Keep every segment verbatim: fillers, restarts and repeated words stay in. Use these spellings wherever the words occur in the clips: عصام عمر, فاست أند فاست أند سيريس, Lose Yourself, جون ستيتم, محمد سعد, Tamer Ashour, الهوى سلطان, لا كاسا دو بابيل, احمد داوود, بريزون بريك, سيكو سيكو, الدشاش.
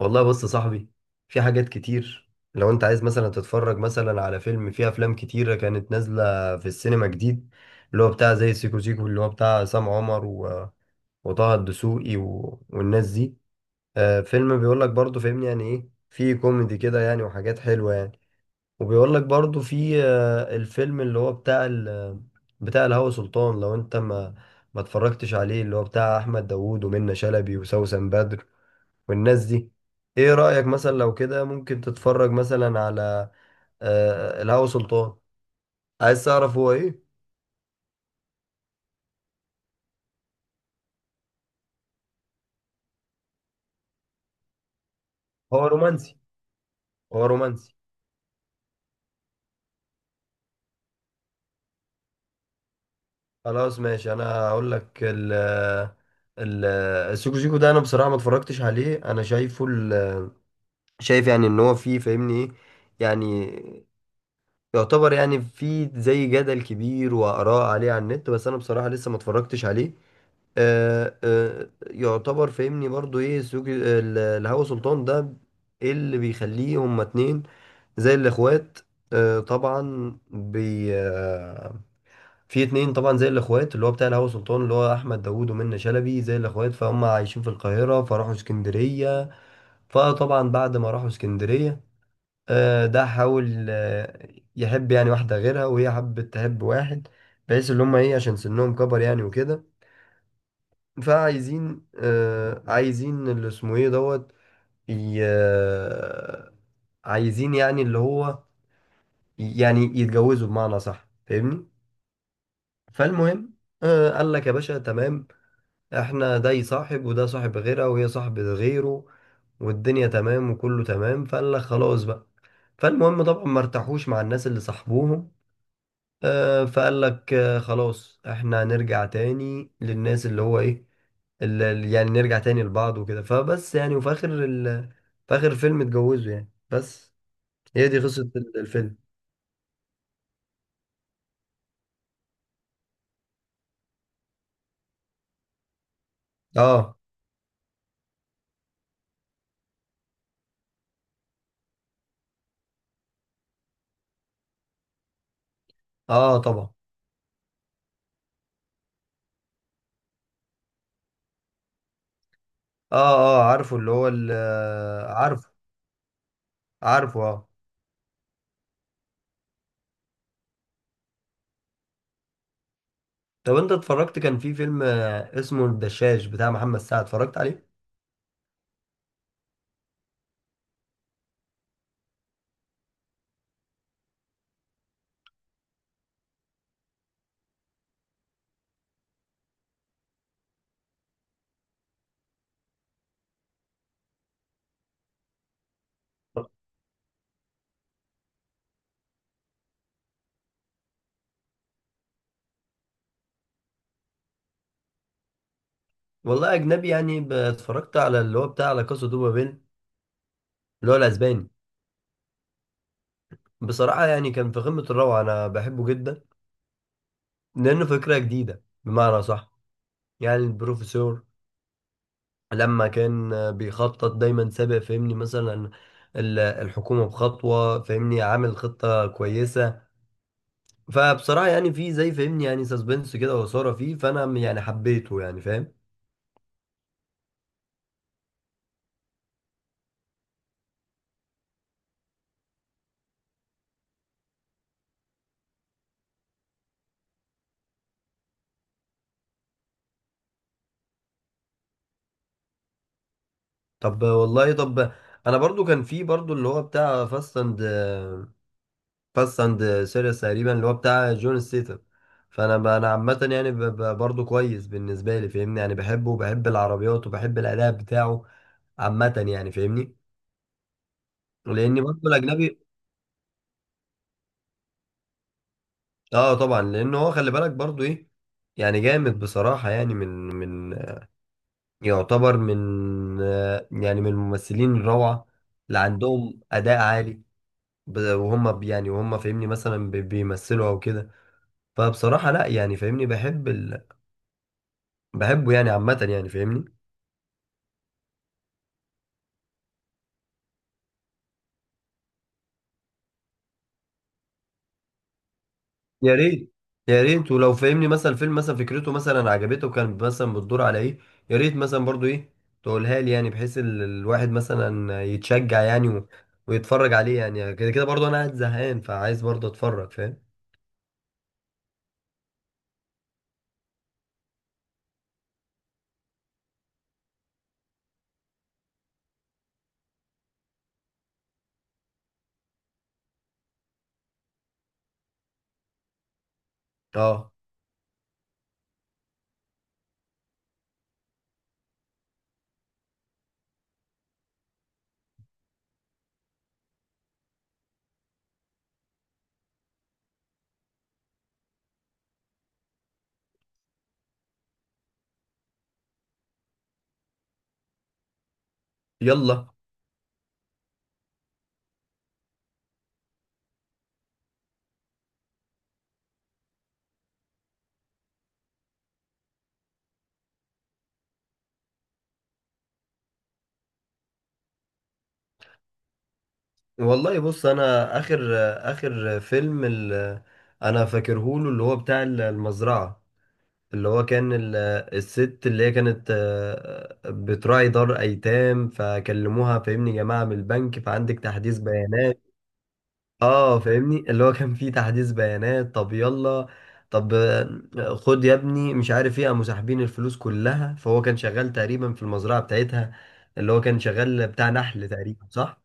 والله بص يا صاحبي، في حاجات كتير. لو انت عايز مثلا تتفرج مثلا على فيلم، فيه افلام كتيرة كانت نازلة في السينما جديد، اللي هو بتاع زي سيكو سيكو اللي هو بتاع عصام عمر و... وطه الدسوقي و... والناس دي. آه، فيلم بيقول لك برضه فاهمني يعني، ايه فيه كوميدي كده يعني وحاجات حلوة يعني. وبيقول لك برضه في آه الفيلم اللي هو بتاع ال... بتاع الهوى سلطان. لو انت ما ما اتفرجتش عليه، اللي هو بتاع احمد داوود ومنة شلبي وسوسن بدر والناس دي. ايه رأيك مثلا لو كده ممكن تتفرج مثلا على آه الهوى سلطان، عايز تعرف هو ايه؟ هو رومانسي. هو رومانسي. خلاص ماشي، انا هقول لك ال ال السيكو سيكو ده. انا بصراحة ما اتفرجتش عليه. انا شايفه ال- شايف يعني ان هو فيه فاهمني ايه يعني، يعتبر يعني فيه زي جدل كبير وآراء عليه على النت، بس انا بصراحة لسه ما اتفرجتش عليه. آه، آه، يعتبر فاهمني برضو ايه سوق ال- الهوا سلطان ده. ايه اللي بيخليه هما اتنين زي الاخوات؟ آه، طبعا بي آه، في اتنين طبعا زي الاخوات، اللي هو بتاع الهوا سلطان اللي هو احمد داوود ومنة شلبي، زي الاخوات فهم عايشين في القاهرة فراحوا اسكندرية. فطبعا بعد ما راحوا اسكندرية، آه، ده حاول آه، يحب يعني واحدة غيرها، وهي حبت تحب واحد، بحيث اللي هما ايه عشان سنهم كبر يعني وكده. فعايزين آه عايزين اللي اسمه ايه دوت، ي- آه، عايزين يعني اللي هو يعني يتجوزوا بمعنى صح فاهمني. فالمهم آه قال لك يا باشا تمام، احنا ده صاحب وده صاحب غيرها وهي صاحبة غيره والدنيا تمام وكله تمام. فقال لك خلاص بقى. فالمهم طبعا ما ارتاحوش مع الناس اللي صاحبوهم. آه فقال لك آه خلاص، احنا هنرجع تاني للناس اللي هو ايه، ال... ال- يعني نرجع تاني لبعض وكده. فبس يعني، وفي آخر ال... في آخر الفيلم اتجوزوا يعني بس. هي دي قصة ال- الفيلم. اه. اه طبعا. اه. اه عارفه اللي هو ال... آه، عارفه. عارفه اه. طب انت اتفرجت، كان في فيلم آه، اسمه الدشاش بتاع محمد سعد، اتفرجت عليه؟ والله اجنبي يعني، ب- اتفرجت على اللي هو بتاع لا كاسا دو بابيل، اللي هو الاسباني. بصراحة يعني كان في قمة الروعة، انا بحبه جدا لانه فكرة جديدة بمعنى صح. يعني البروفيسور لما كان بيخطط دايما سابق فهمني مثلا ال- الحكومة بخطوة، فهمني عامل خطة كويسة. فبصراحة يعني في زي فهمني يعني سسبنس كده وإثارة فيه، فأنا يعني حبيته يعني فاهم. طب والله طب، أنا برضو كان في برضو اللي هو بتاع فاست أند فاست أند سيريس تقريبا، اللي هو بتاع جون ستيتم. فأنا ب- أنا عامة يعني ب- ب- برضو كويس بالنسبة لي فاهمني يعني، بحبه وبحب العربيات وبحب الأداء بتاعه. عامة يعني فاهمني. لأني برضو الأجنبي. اه طبعا لان هو خلي بالك برضو ايه، يعني جامد بصراحة يعني، من من يعتبر من آه، يعني من الممثلين الروعة اللي عندهم أداء عالي، ب- وهم ب- يعني وهم فاهمني مثلا بي- بيمثلوا أو كده. فبصراحة لا يعني فاهمني بحب ال... بحبه يعني عامة يعني فاهمني. يا ريت. يا ريت، ولو فاهمني مثلا فيلم مثلا فكرته مثلا عجبته، وكان مثلا بتدور على ايه، يا ريت مثلا برضو ايه تقولها لي يعني، بحيث ال- الواحد مثلا يتشجع يعني و... ويتفرج عليه يعني. كده كده برضو انا قاعد زهقان فعايز برضو اتفرج فاهم. اه يلا. والله بص انا اخر، اخر فيلم ال... انا فاكرهوله اللي هو بتاع المزرعة، اللي هو كان ال- الست اللي هي كانت آه، بتراعي دار ايتام، فكلموها فاهمني يا جماعه من البنك، فعندك تحديث بيانات. اه فاهمني اللي هو كان فيه تحديث بيانات، طب يلا، طب آه، خد يا ابني مش عارف ايه، قاموا ساحبين الفلوس كلها. فهو كان شغال تقريبا في المزرعه بتاعتها، اللي هو كان شغال بتاع نحل تقريبا صح؟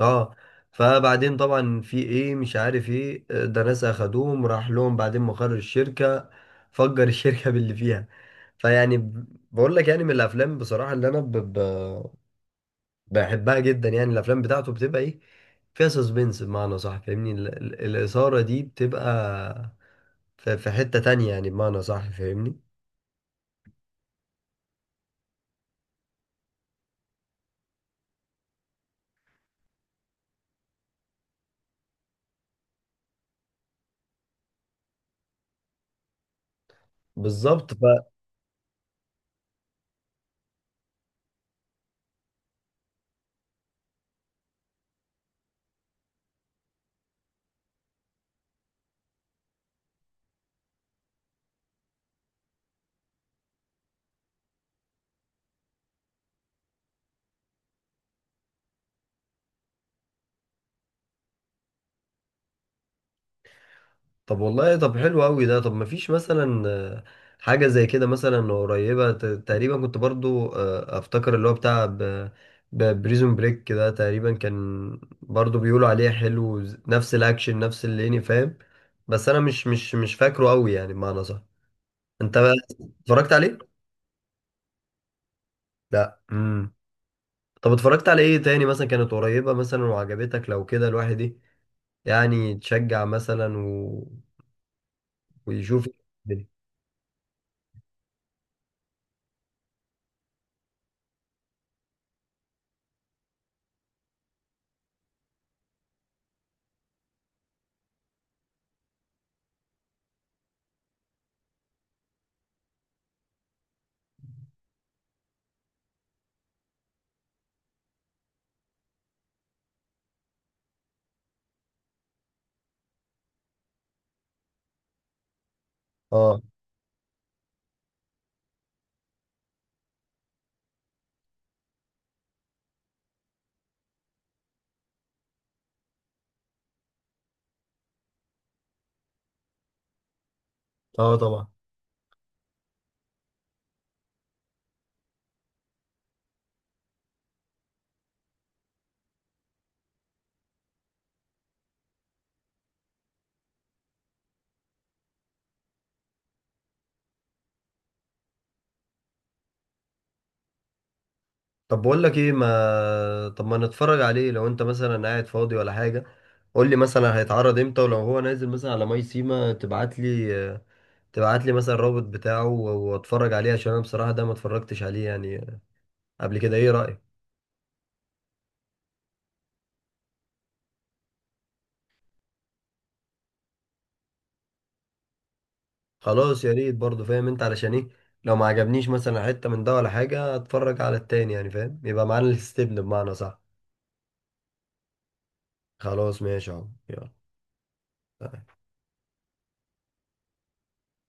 اه. فبعدين طبعا في ايه مش عارف ايه آه، ده ناس اخدوهم، راح لهم بعدين مقر الشركة، فجر الشركة باللي فيها. فيعني ب- بقول لك يعني من الافلام بصراحة اللي انا ب... ب... بحبها جدا يعني، الافلام بتاعته بتبقى ايه فيها سسبنس بمعنى صح فاهمني، ال... ال- الإثارة دي بتبقى في... في حتة تانية يعني بمعنى صح فاهمني. بالظبط. طب والله طب حلو قوي ده. طب مفيش مثلا آه، حاجة زي كده مثلا قريبة ت- تقريبا، كنت برضو آه، افتكر اللي هو بتاع بريزون بريك ده تقريبا كان برضو بيقولوا عليه حلو، ز- نفس الاكشن نفس الليني فاهم. بس انا مش مش مش فاكره قوي يعني بمعنى صح. انت بقى اتفرجت عليه؟ لا امم طب اتفرجت على ايه تاني مثلا كانت قريبة مثلا وعجبتك لو كده الواحد إيه يعني تشجع مثلا و... ويشوف. اه. اه طبعا. طب بقول لك ايه، ما طب ما نتفرج عليه لو انت مثلا قاعد فاضي ولا حاجه. قول لي مثلا هيتعرض امتى، ولو هو نازل مثلا على ماي سيما تبعت لي، تبعت لي مثلا الرابط بتاعه واتفرج عليه، عشان انا بصراحه ده ما اتفرجتش عليه يعني قبل كده. ايه رايك؟ خلاص يا ريت برضه فاهم انت، علشان ايه لو ما عجبنيش مثلا حته من ده ولا حاجه اتفرج على التاني يعني فاهم، يبقى معانا الاستبن بمعنى صح. خلاص ماشي اهو يلا